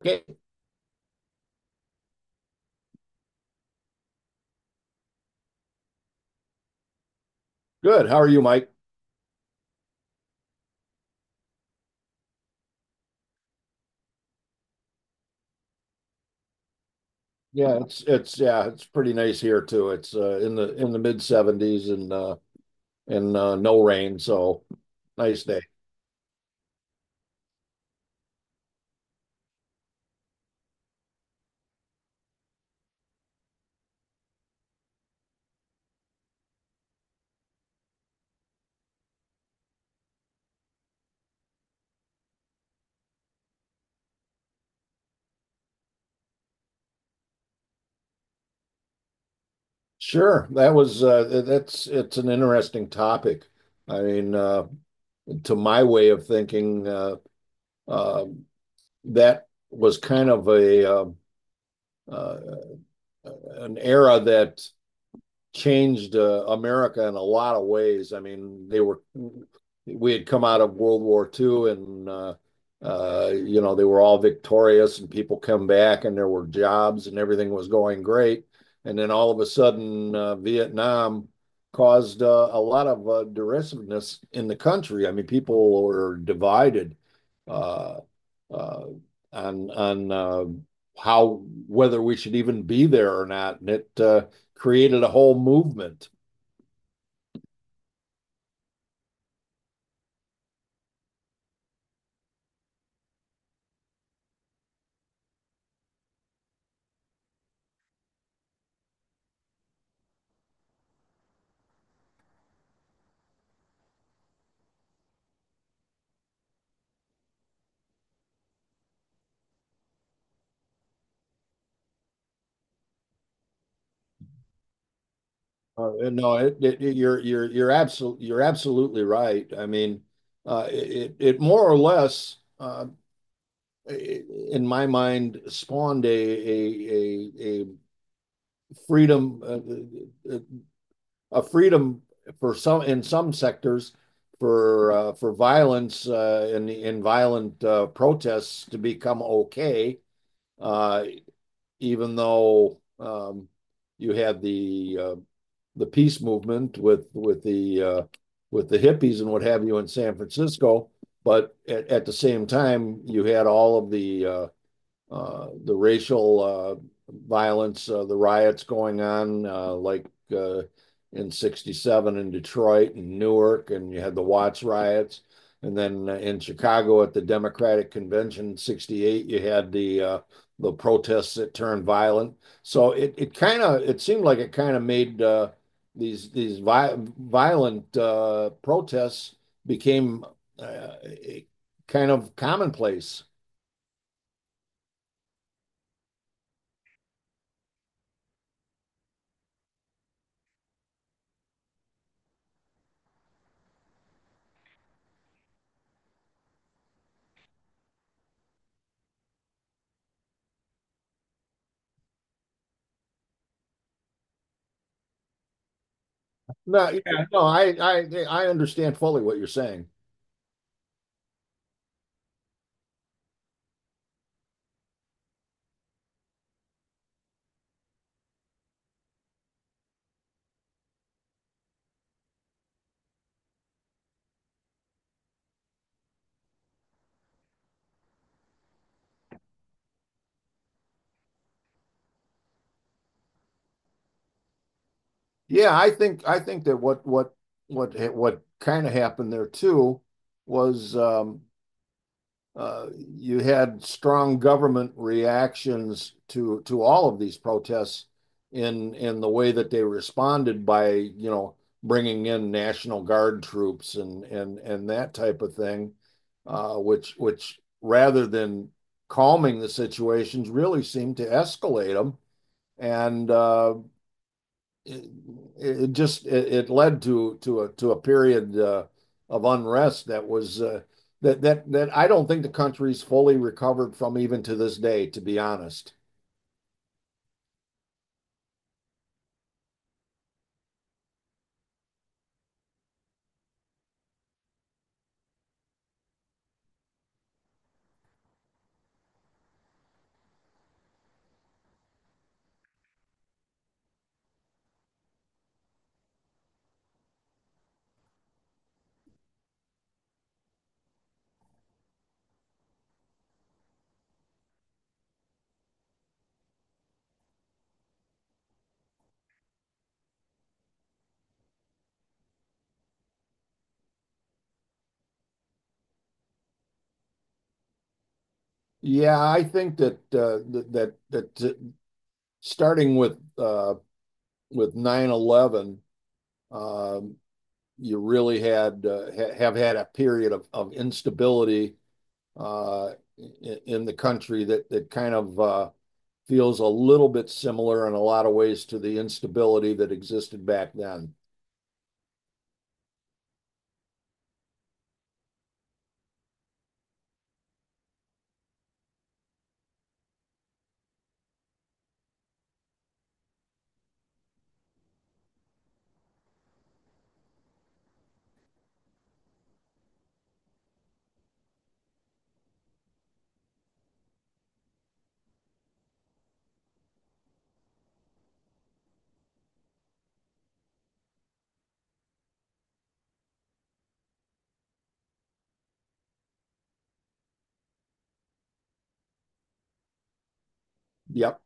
Okay, good. How are you, Mike? Yeah, it's pretty nice here too. It's in the mid 70s and no rain, so nice day. Sure. That was that's it's an interesting topic. I mean, to my way of thinking, uh that was kind of a uh an era that changed America in a lot of ways. I mean, they were we had come out of World War II, and they were all victorious, and people come back, and there were jobs, and everything was going great. And then all of a sudden, Vietnam caused a lot of derisiveness in the country. I mean, people were divided uh, uh, on how whether we should even be there or not, and it created a whole movement. No, you're absolutely right. I mean, it more or less, in my mind, spawned a freedom a freedom for some in some sectors for violence and violent protests to become okay, uh, even though you had the the peace movement with the hippies and what have you in San Francisco. But at the same time, you had all of the racial violence, the riots going on, like uh, in '67 in Detroit and Newark, and you had the Watts riots, and then in Chicago at the Democratic Convention in '68, you had the the protests that turned violent. So it seemed like it kind of made these vi violent protests became uh, kind of commonplace. No, Yeah. No, I understand fully what you're saying. Yeah, I think that what kind of happened there too was you had strong government reactions to all of these protests in the way that they responded by bringing in National Guard troops and that type of thing, which rather than calming the situations, really seemed to escalate them and it, it led to a period of unrest that was that I don't think the country's fully recovered from even to this day, to be honest. Yeah, I think that that that, that uh, starting with with 9/11, 11 you really have had a period of instability uh, in the country that feels a little bit similar in a lot of ways to the instability that existed back then. Yep.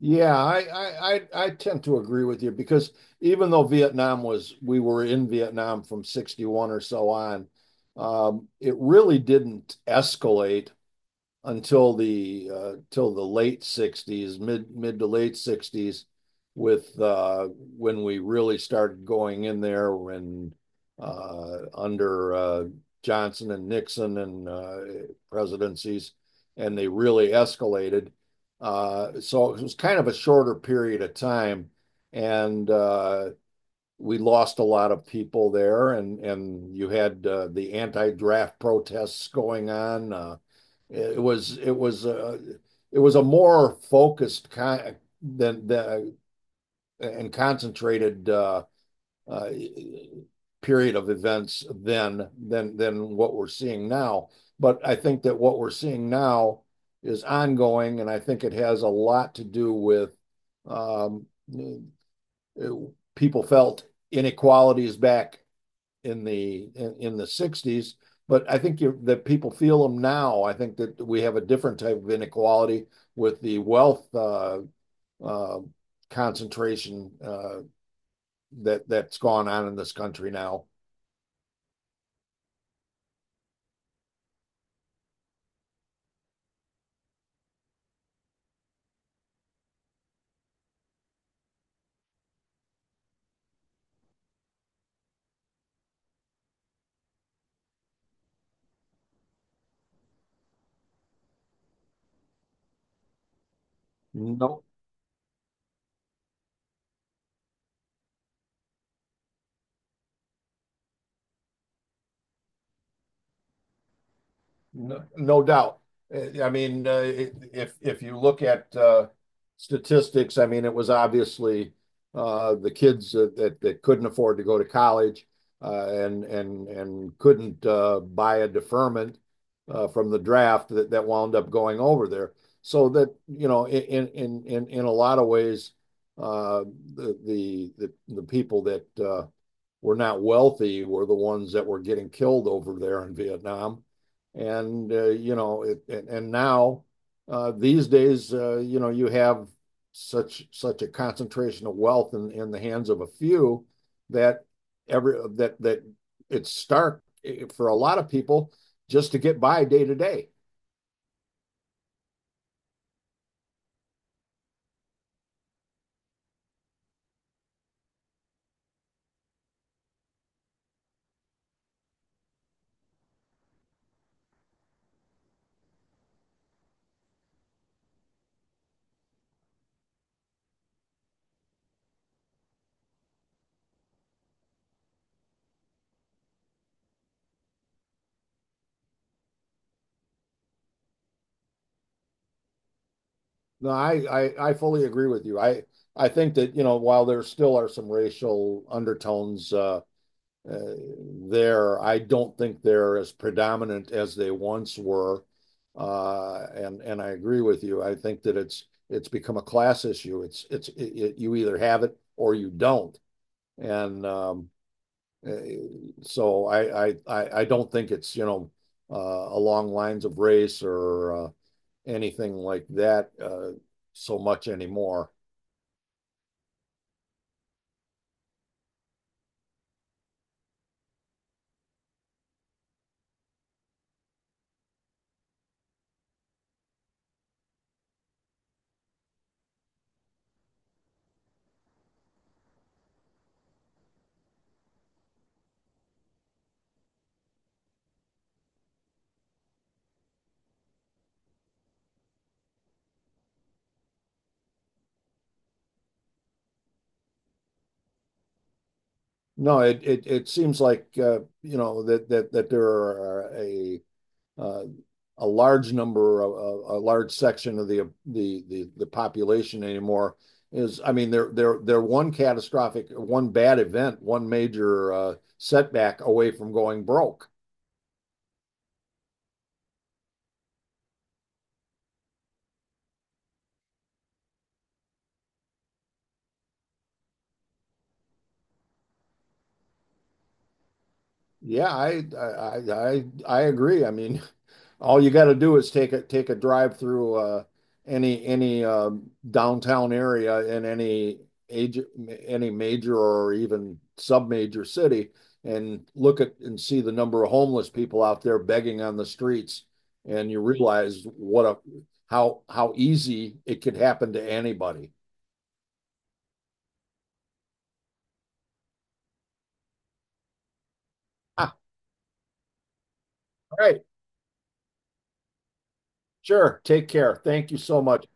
Yeah, I tend to agree with you because even though we were in Vietnam from 61 or so on, it really didn't escalate until the late '60s, mid to late '60s, with when we really started going in there when under Johnson and Nixon and presidencies, and they really escalated. So it was kind of a shorter period of time, and we lost a lot of people there, and you had the anti-draft protests going on. It was it was uh, it was a more focused con than the and concentrated uh, period of events than what we're seeing now. But I think that what we're seeing now is ongoing, and I think it has a lot to do with um, people felt inequality is back in the in the 60s, but I think that people feel them now. I think that we have a different type of inequality with the wealth uh, concentration that's gone on in this country now. No No, no doubt. I mean, if you look at statistics, I mean, it was obviously the kids that couldn't afford to go to college and couldn't buy a deferment from the draft that wound up going over there. So that in a lot of ways, uh, the people that we're not wealthy. We're the ones that were getting killed over there in Vietnam. And now these days, you have such a concentration of wealth in the hands of a few that every that that it's stark for a lot of people just to get by day to day. No, I fully agree with you. I think that while there still are some racial undertones uh, there, I don't think they're as predominant as they once were. And I agree with you. I think that it's become a class issue. It's you either have it or you don't. And um, uh, so I don't think it's along lines of race or anything like that so much anymore. No, it seems like that there are uh, a large number of a large section of the population anymore, is I mean, they're one catastrophic, one bad event, one major setback away from going broke. Yeah, I agree. I mean, all you got to do is take a drive through any downtown area in any age any major or even sub-major city and look at and see the number of homeless people out there begging on the streets, and you realize what a how easy it could happen to anybody. Ah, all right, sure. Take care. Thank you so much.